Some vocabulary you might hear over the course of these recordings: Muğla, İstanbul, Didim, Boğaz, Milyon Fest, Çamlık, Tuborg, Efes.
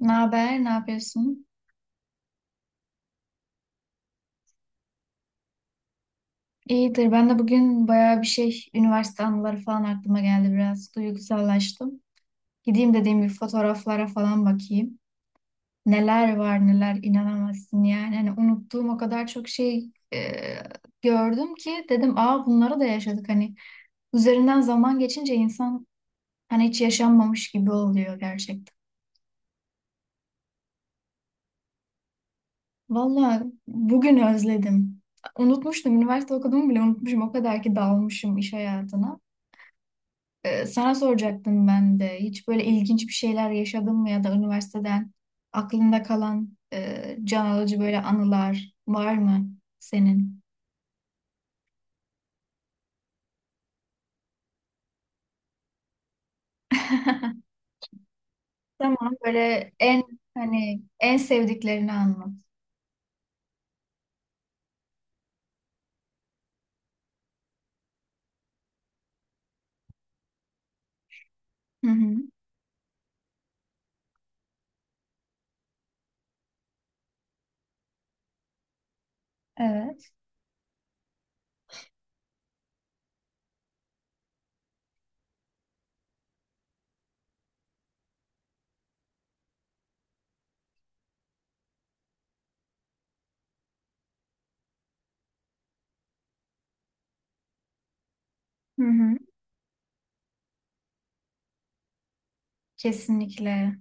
Ne haber? Ne yapıyorsun? İyidir. Ben de bugün bayağı bir şey, üniversite anıları falan aklıma geldi biraz. Duygusallaştım. Gideyim dediğim bir fotoğraflara falan bakayım. Neler var neler inanamazsın yani. Hani unuttuğum o kadar çok şey gördüm ki dedim aa bunları da yaşadık hani. Üzerinden zaman geçince insan hani hiç yaşanmamış gibi oluyor gerçekten. Valla bugün özledim. Unutmuştum. Üniversite okuduğumu bile unutmuşum. O kadar ki dalmışım iş hayatına. Sana soracaktım ben de. Hiç böyle ilginç bir şeyler yaşadın mı ya da üniversiteden aklında kalan can alıcı böyle anılar var mı senin? Tamam böyle en hani en sevdiklerini anlat. Hı hı. Evet. Hı hı. Kesinlikle.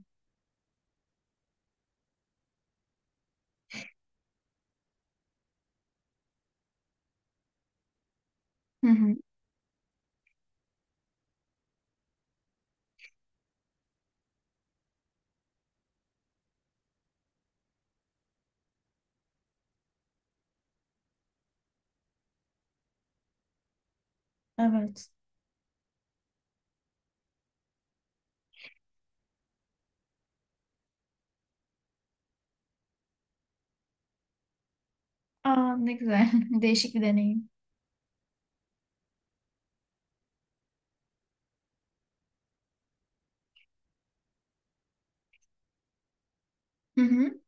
Hı hı. Evet. Aa ne güzel. Değişik bir deneyim. Hı hı.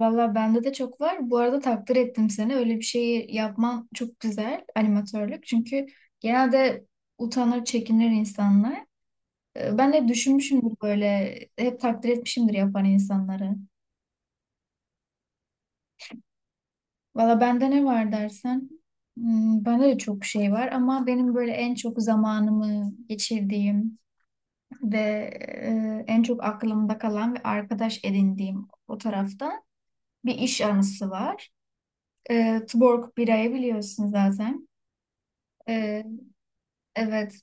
Valla bende de çok var. Bu arada takdir ettim seni. Öyle bir şeyi yapman çok güzel animatörlük. Çünkü genelde utanır, çekinir insanlar. Ben hep düşünmüşümdür böyle. Hep takdir etmişimdir yapan insanları. Valla bende ne var dersen. Bende de çok şey var ama benim böyle en çok zamanımı geçirdiğim ve en çok aklımda kalan ve arkadaş edindiğim o tarafta bir iş anısı var. Tuborg birayı biliyorsun zaten. Ee, evet.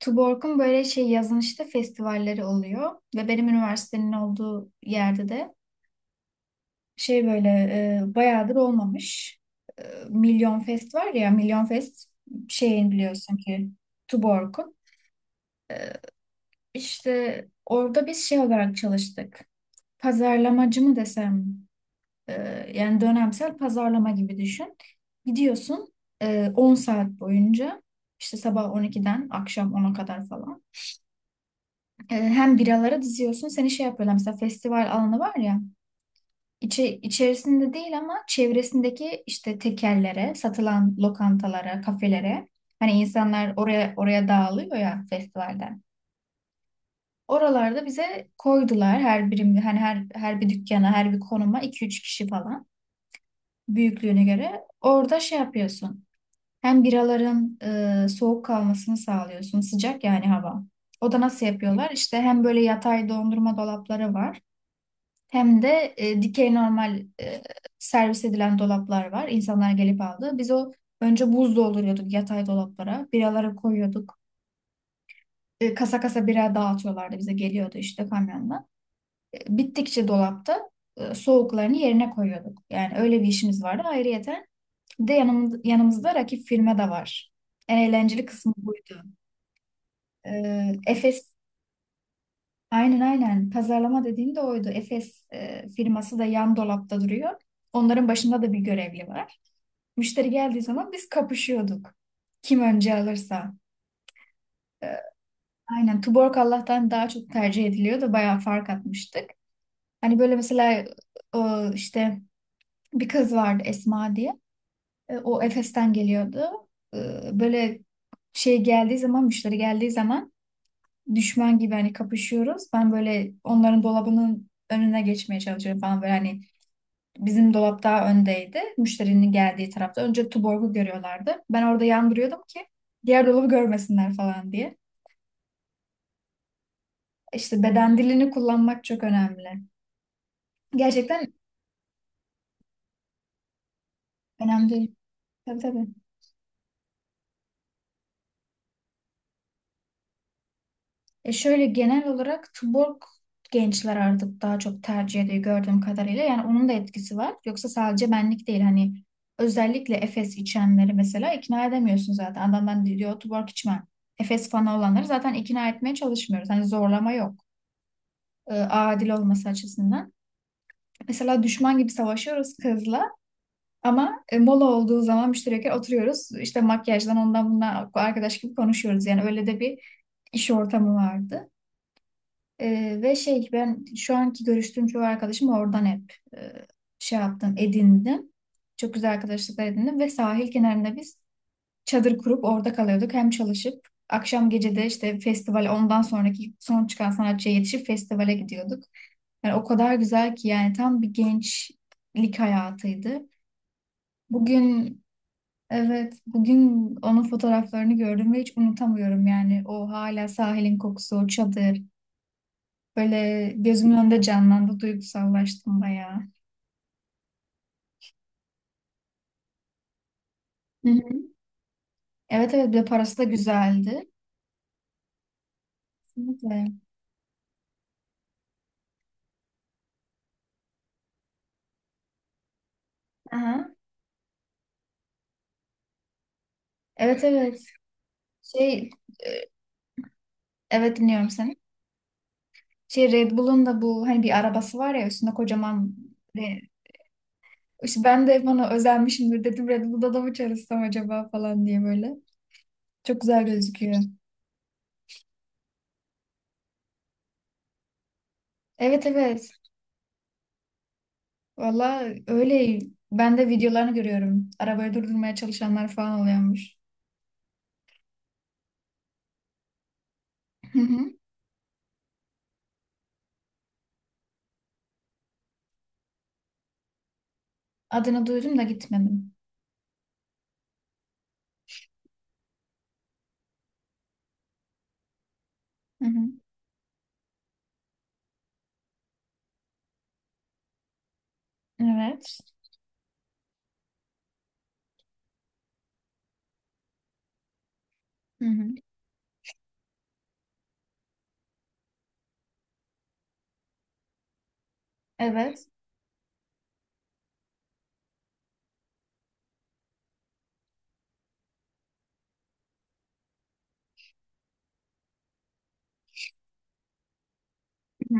Tuborg'un böyle şey yazın işte festivalleri oluyor ve benim üniversitenin olduğu yerde de şey böyle bayağıdır olmamış. E, Milyon Fest var ya Milyon Fest şeyin biliyorsun ki Tuborg'un. İşte orada biz şey olarak çalıştık. Pazarlamacı mı desem e, yani dönemsel pazarlama gibi düşün. Gidiyorsun 10 saat boyunca işte sabah 12'den akşam 10'a kadar falan. Hem biralara diziyorsun seni şey yapıyorlar mesela festival alanı var ya içerisinde değil ama çevresindeki işte tekerlere satılan lokantalara kafelere hani insanlar oraya dağılıyor ya festivalden oralarda bize koydular her birim hani her bir dükkana her bir konuma iki üç kişi falan büyüklüğüne göre orada şey yapıyorsun hem biraların soğuk kalmasını sağlıyorsun sıcak yani hava o da nasıl yapıyorlar? İşte hem böyle yatay dondurma dolapları var. Hem de dikey normal servis edilen dolaplar var. İnsanlar gelip aldı. Biz o önce buz dolduruyorduk yatay dolaplara. Biraları koyuyorduk. Kasa kasa bira dağıtıyorlardı bize geliyordu işte kamyonla. Bittikçe dolapta soğuklarını yerine koyuyorduk. Yani öyle bir işimiz vardı. Ayrıyeten bir de yanımızda rakip firma da var. En eğlenceli kısmı buydu. E, Efes, aynen aynen pazarlama dediğim de oydu. Efes firması da yan dolapta duruyor. Onların başında da bir görevli var. Müşteri geldiği zaman biz kapışıyorduk. Kim önce alırsa. Ee, aynen Tuborg Allah'tan daha çok tercih ediliyordu. Bayağı fark atmıştık. Hani böyle mesela işte bir kız vardı Esma diye. O Efes'ten geliyordu. E, Böyle müşteri geldiği zaman düşman gibi hani kapışıyoruz. Ben böyle onların dolabının önüne geçmeye çalışıyorum falan böyle hani bizim dolap daha öndeydi. Müşterinin geldiği tarafta. Önce Tuborg'u görüyorlardı. Ben orada yandırıyordum ki diğer dolabı görmesinler falan diye. İşte beden dilini kullanmak çok önemli. Gerçekten önemli değil. Tabii tabii. E şöyle genel olarak Tuborg gençler artık daha çok tercih ediyor gördüğüm kadarıyla. Yani onun da etkisi var. Yoksa sadece benlik değil. Hani özellikle Efes içenleri mesela ikna edemiyorsun zaten. Adam ben diyor Tuborg içmem. Efes fanı olanları zaten ikna etmeye çalışmıyoruz. Hani zorlama yok. Adil olması açısından. Mesela düşman gibi savaşıyoruz kızla ama mola olduğu zaman müşterekler oturuyoruz. İşte makyajdan ondan bundan arkadaş gibi konuşuyoruz. Yani öyle de bir iş ortamı vardı. Ve şey ben şu anki görüştüğüm çoğu arkadaşım oradan hep şey yaptım, edindim. Çok güzel arkadaşlıklar edindim ve sahil kenarında biz çadır kurup orada kalıyorduk. Hem çalışıp akşam gece de işte festival ondan sonraki son çıkan sanatçıya yetişip festivale gidiyorduk. Yani o kadar güzel ki yani tam bir gençlik hayatıydı. Bugün evet bugün onun fotoğraflarını gördüm ve hiç unutamıyorum yani o hala sahilin kokusu, o çadır böyle gözümün önünde canlandı, duygusallaştım bayağı. Hı hı. Evet evet, bir de parası da güzeldi. Kesinlikle. Aha. Evet evet. Şey e, evet dinliyorum seni. Şey Red Bull'un da bu hani bir arabası var ya üstünde kocaman e, işte ben de bana özenmişimdir dedim Red Bull'da da mı çalışsam acaba falan diye böyle. Çok güzel gözüküyor. Evet evet. Valla öyle, ben de videolarını görüyorum. Arabayı durdurmaya çalışanlar falan oluyormuş. Hı hı. Adını duydum da gitmedim. Hı hı. Evet. Hı hı. Evet. Hı hı.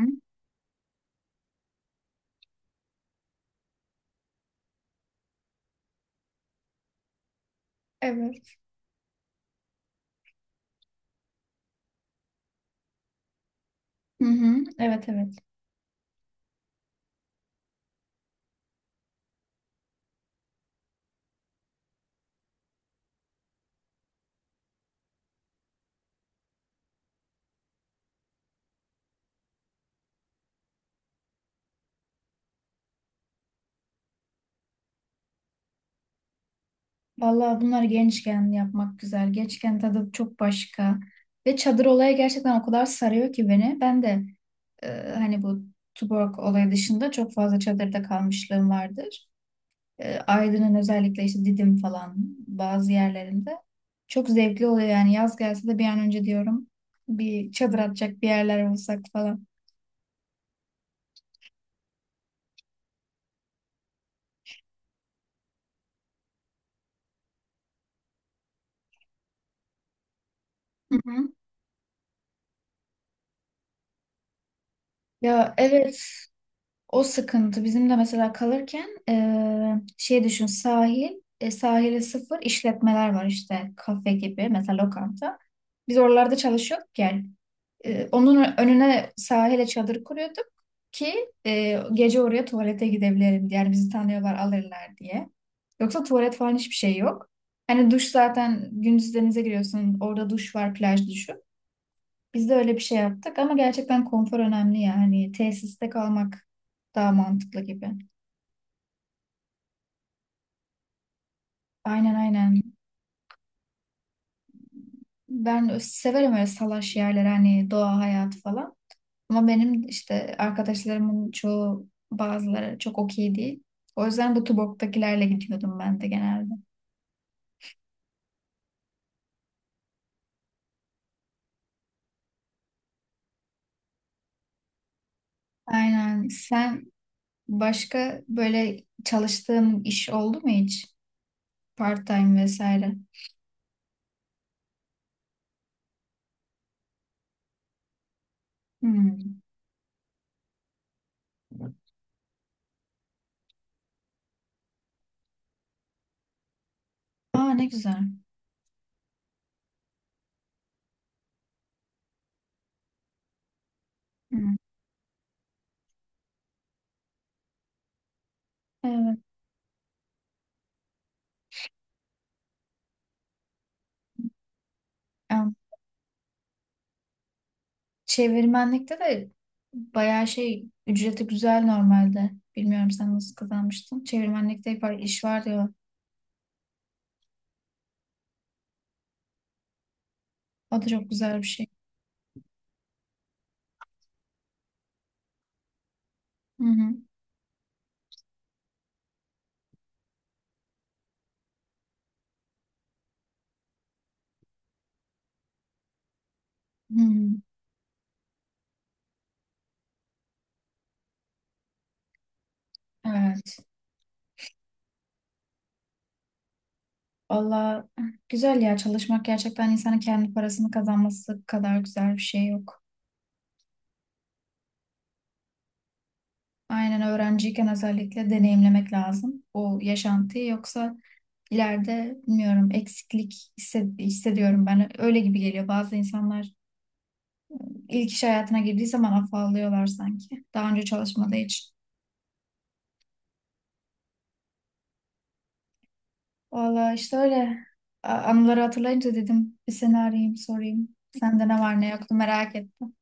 Evet. Hı hı. Evet evet. Vallahi bunları gençken yapmak güzel. Gençken tadı çok başka. Ve çadır olayı gerçekten o kadar sarıyor ki beni. Ben de e, hani bu Tuborg olayı dışında çok fazla çadırda kalmışlığım vardır. Aydın'ın özellikle işte Didim falan bazı yerlerinde. Çok zevkli oluyor yani yaz gelse de bir an önce diyorum bir çadır atacak bir yerler olsak falan. Hı hı. Ya evet, o sıkıntı bizim de mesela kalırken şey düşün sahil sahili sıfır işletmeler var işte kafe gibi mesela lokanta. Biz oralarda çalışıyorduk yani. Onun önüne sahile çadır kuruyorduk ki gece oraya tuvalete gidebilirim diye. Yani bizi tanıyorlar alırlar diye. Yoksa tuvalet falan hiçbir şey yok. Hani duş zaten gündüz denize giriyorsun orada duş var plaj duşu. Biz de öyle bir şey yaptık ama gerçekten konfor önemli ya. Hani tesiste kalmak daha mantıklı gibi. Aynen aynen. Ben severim öyle salaş yerler hani doğa hayatı falan. Ama benim işte arkadaşlarımın çoğu bazıları çok okey değil. O yüzden bu Tuborg'dakilerle gidiyordum ben de genelde. Aynen. Sen başka böyle çalıştığın iş oldu mu hiç? Part-time vesaire. Hmm. Aa ne güzel. Hmm. Evet. Çevirmenlikte de bayağı şey ücreti güzel normalde. Bilmiyorum sen nasıl kazanmıştın. Çevirmenlikte hep var, iş var diyor. O da çok güzel bir şey. Hı hı. Hı hı. Evet. Valla güzel ya, çalışmak gerçekten insanın kendi parasını kazanması kadar güzel bir şey yok. Aynen öğrenciyken özellikle deneyimlemek lazım o yaşantıyı yoksa ileride bilmiyorum eksiklik hissediyorum ben öyle gibi geliyor, bazı insanlar ilk iş hayatına girdiği zaman afallıyorlar sanki. Daha önce çalışmadığı için. Valla işte öyle. Anıları hatırlayınca dedim bir seni arayayım sorayım. Sende ne var ne yoktu merak ettim.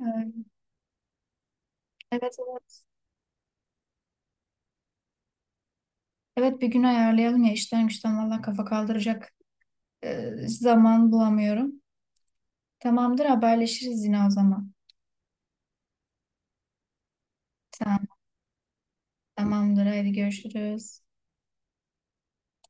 Ee, Evet evet. Evet bir gün ayarlayalım ya işten güçten valla kafa kaldıracak zaman bulamıyorum. Tamamdır haberleşiriz yine o zaman. Tamam tamamdır hadi görüşürüz.